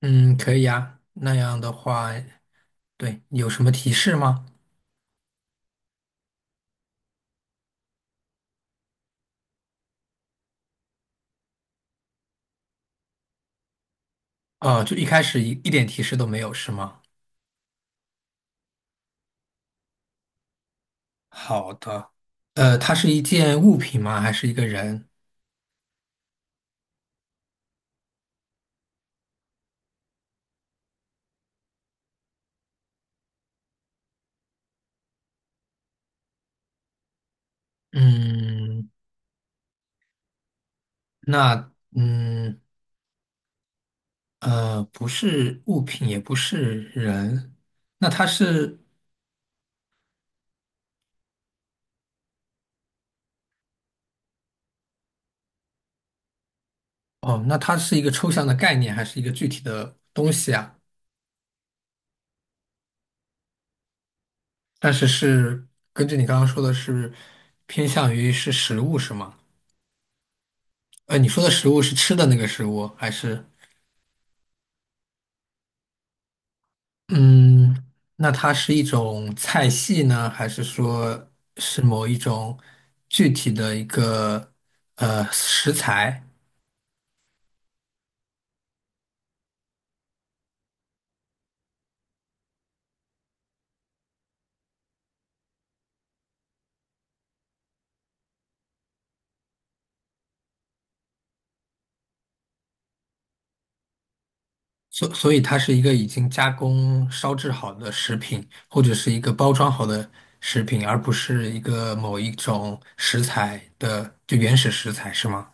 嗯，可以呀。那样的话，对，有什么提示吗？哦，就一开始一点提示都没有，是吗？好的。它是一件物品吗？还是一个人？嗯，那嗯不是物品，也不是人。那它是哦，那它是一个抽象的概念，还是一个具体的东西啊？但是是根据你刚刚说的是偏向于是食物，是吗？呃，你说的食物是吃的那个食物，还是？嗯，那它是一种菜系呢，还是说是某一种具体的一个食材？所以它是一个已经加工烧制好的食品，或者是一个包装好的食品，而不是一个某一种食材的就原始食材，是吗？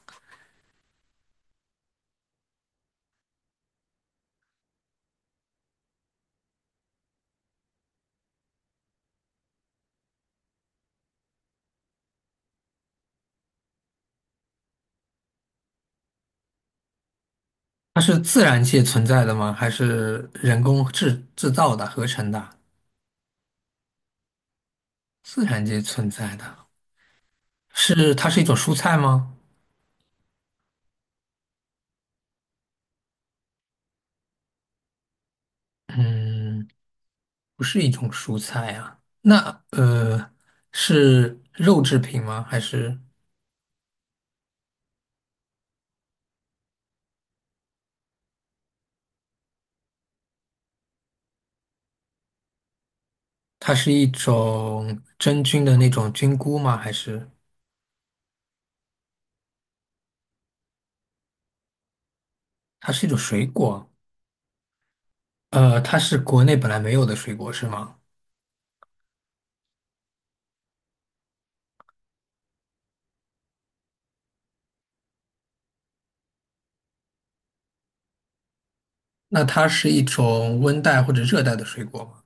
它是自然界存在的吗？还是人工制造的、合成的？自然界存在的，是它是一种蔬菜吗？嗯。不是一种蔬菜啊？那是肉制品吗？还是它是一种真菌的那种菌菇吗？还是它是一种水果？呃，它是国内本来没有的水果是吗？那它是一种温带或者热带的水果吗？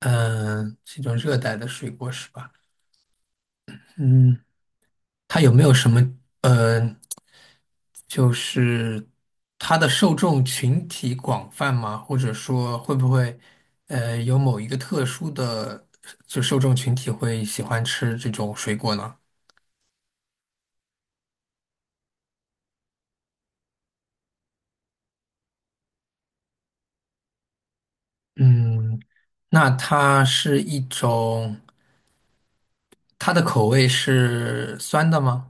嗯、是一种热带的水果是吧？嗯。它有没有什么呃，就是它的受众群体广泛吗？或者说会不会有某一个特殊的就受众群体会喜欢吃这种水果呢？嗯，那它是一种，它的口味是酸的吗？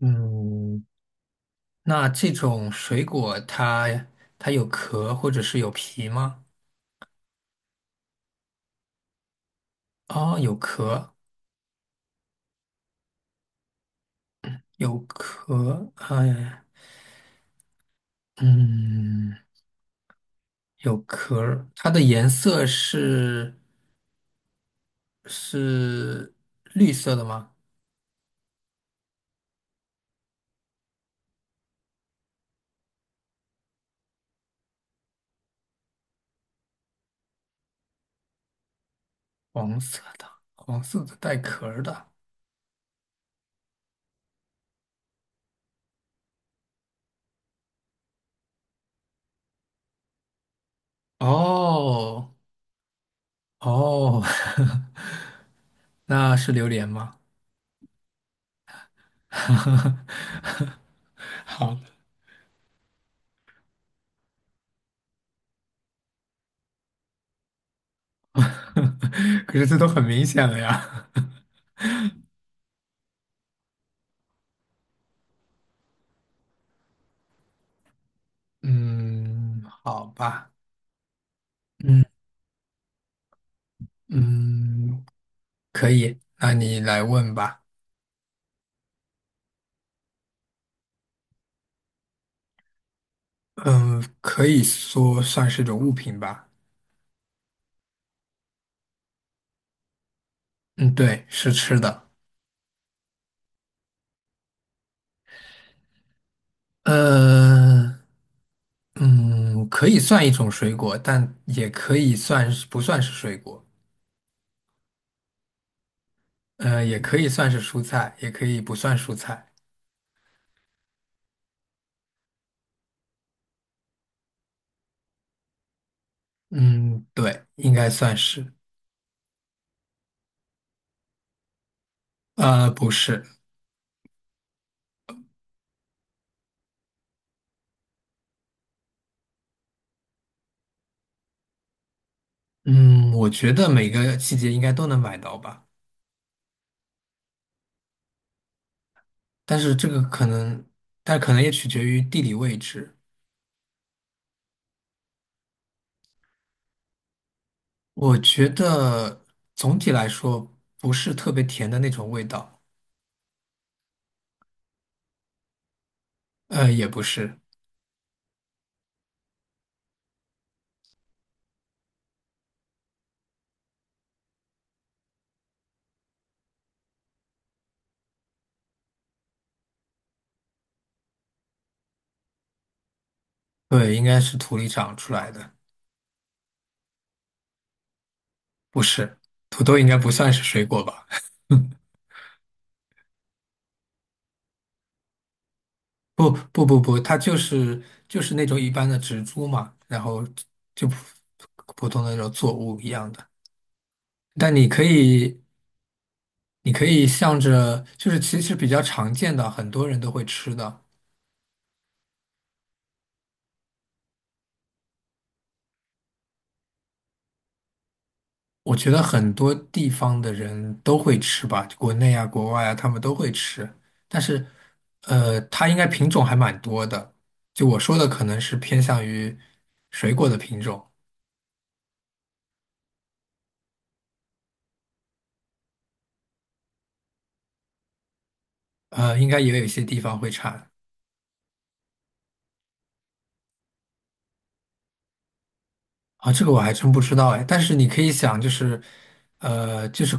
嗯，那这种水果它它有壳或者是有皮吗？哦，有壳，有壳，哎。嗯，有壳儿，它的颜色是是绿色的吗？黄色的，黄色的带壳儿的。哦哦，那是榴莲吗？好，可是这都很明显了呀。嗯，好吧，嗯嗯，可以，那你来问吧。嗯，可以说算是种物品吧。嗯，对，是吃的。呃，嗯，可以算一种水果，但也可以算是不算是水果，呃，也可以算是蔬菜，也可以不算蔬菜。嗯，对，应该算是。呃，不是，嗯，我觉得每个季节应该都能买到吧，但是这个可能，但可能也取决于地理位置。我觉得总体来说不是特别甜的那种味道，呃，也不是，对，应该是土里长出来的。不是，土豆应该不算是水果吧？不不不不，它就是就是那种一般的植株嘛，然后就普普通的那种作物一样的。但你可以你可以向着，就是其实比较常见的，很多人都会吃的。我觉得很多地方的人都会吃吧，国内啊、国外啊，他们都会吃。但是，呃，它应该品种还蛮多的。就我说的，可能是偏向于水果的品种。呃，应该也有一些地方会产啊，这个我还真不知道哎。但是你可以想，就是，就是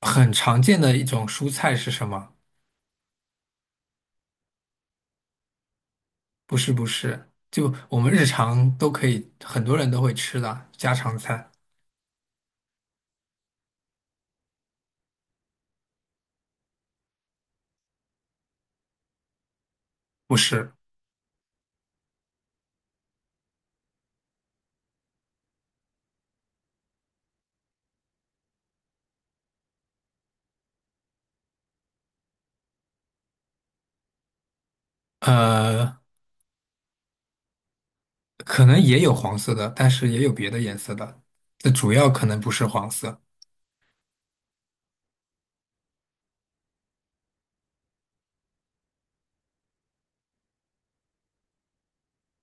很常见的一种蔬菜是什么？不是不是，就我们日常都可以，很多人都会吃的家常菜，不是？呃，可能也有黄色的，但是也有别的颜色的，这主要可能不是黄色。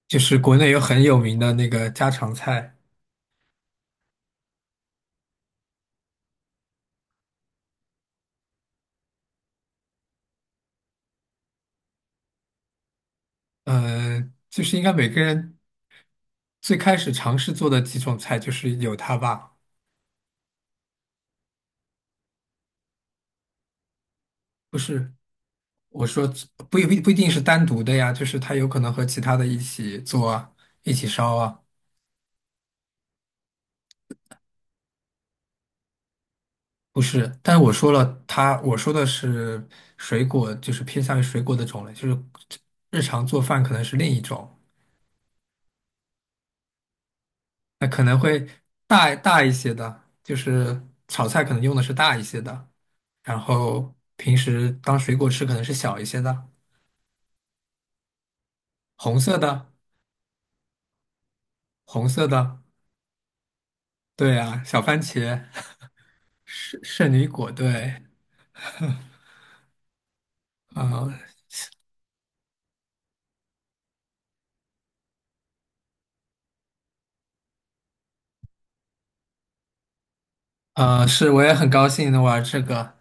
就是国内有很有名的那个家常菜，呃，就是应该每个人最开始尝试做的几种菜，就是有它吧。不是我说不不不一定是单独的呀，就是它有可能和其他的一起做啊，一起烧啊，不是。但是我说了它，我说的是水果，就是偏向于水果的种类，就是日常做饭可能是另一种，那可能会大大一些的，就是炒菜可能用的是大一些的，然后平时当水果吃可能是小一些的，红色的，红色的，对啊，小番茄，圣女果，对。啊、呃，是，我也很高兴能玩这个。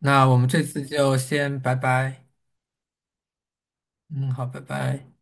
那我们这次就先拜拜。嗯，好，拜拜。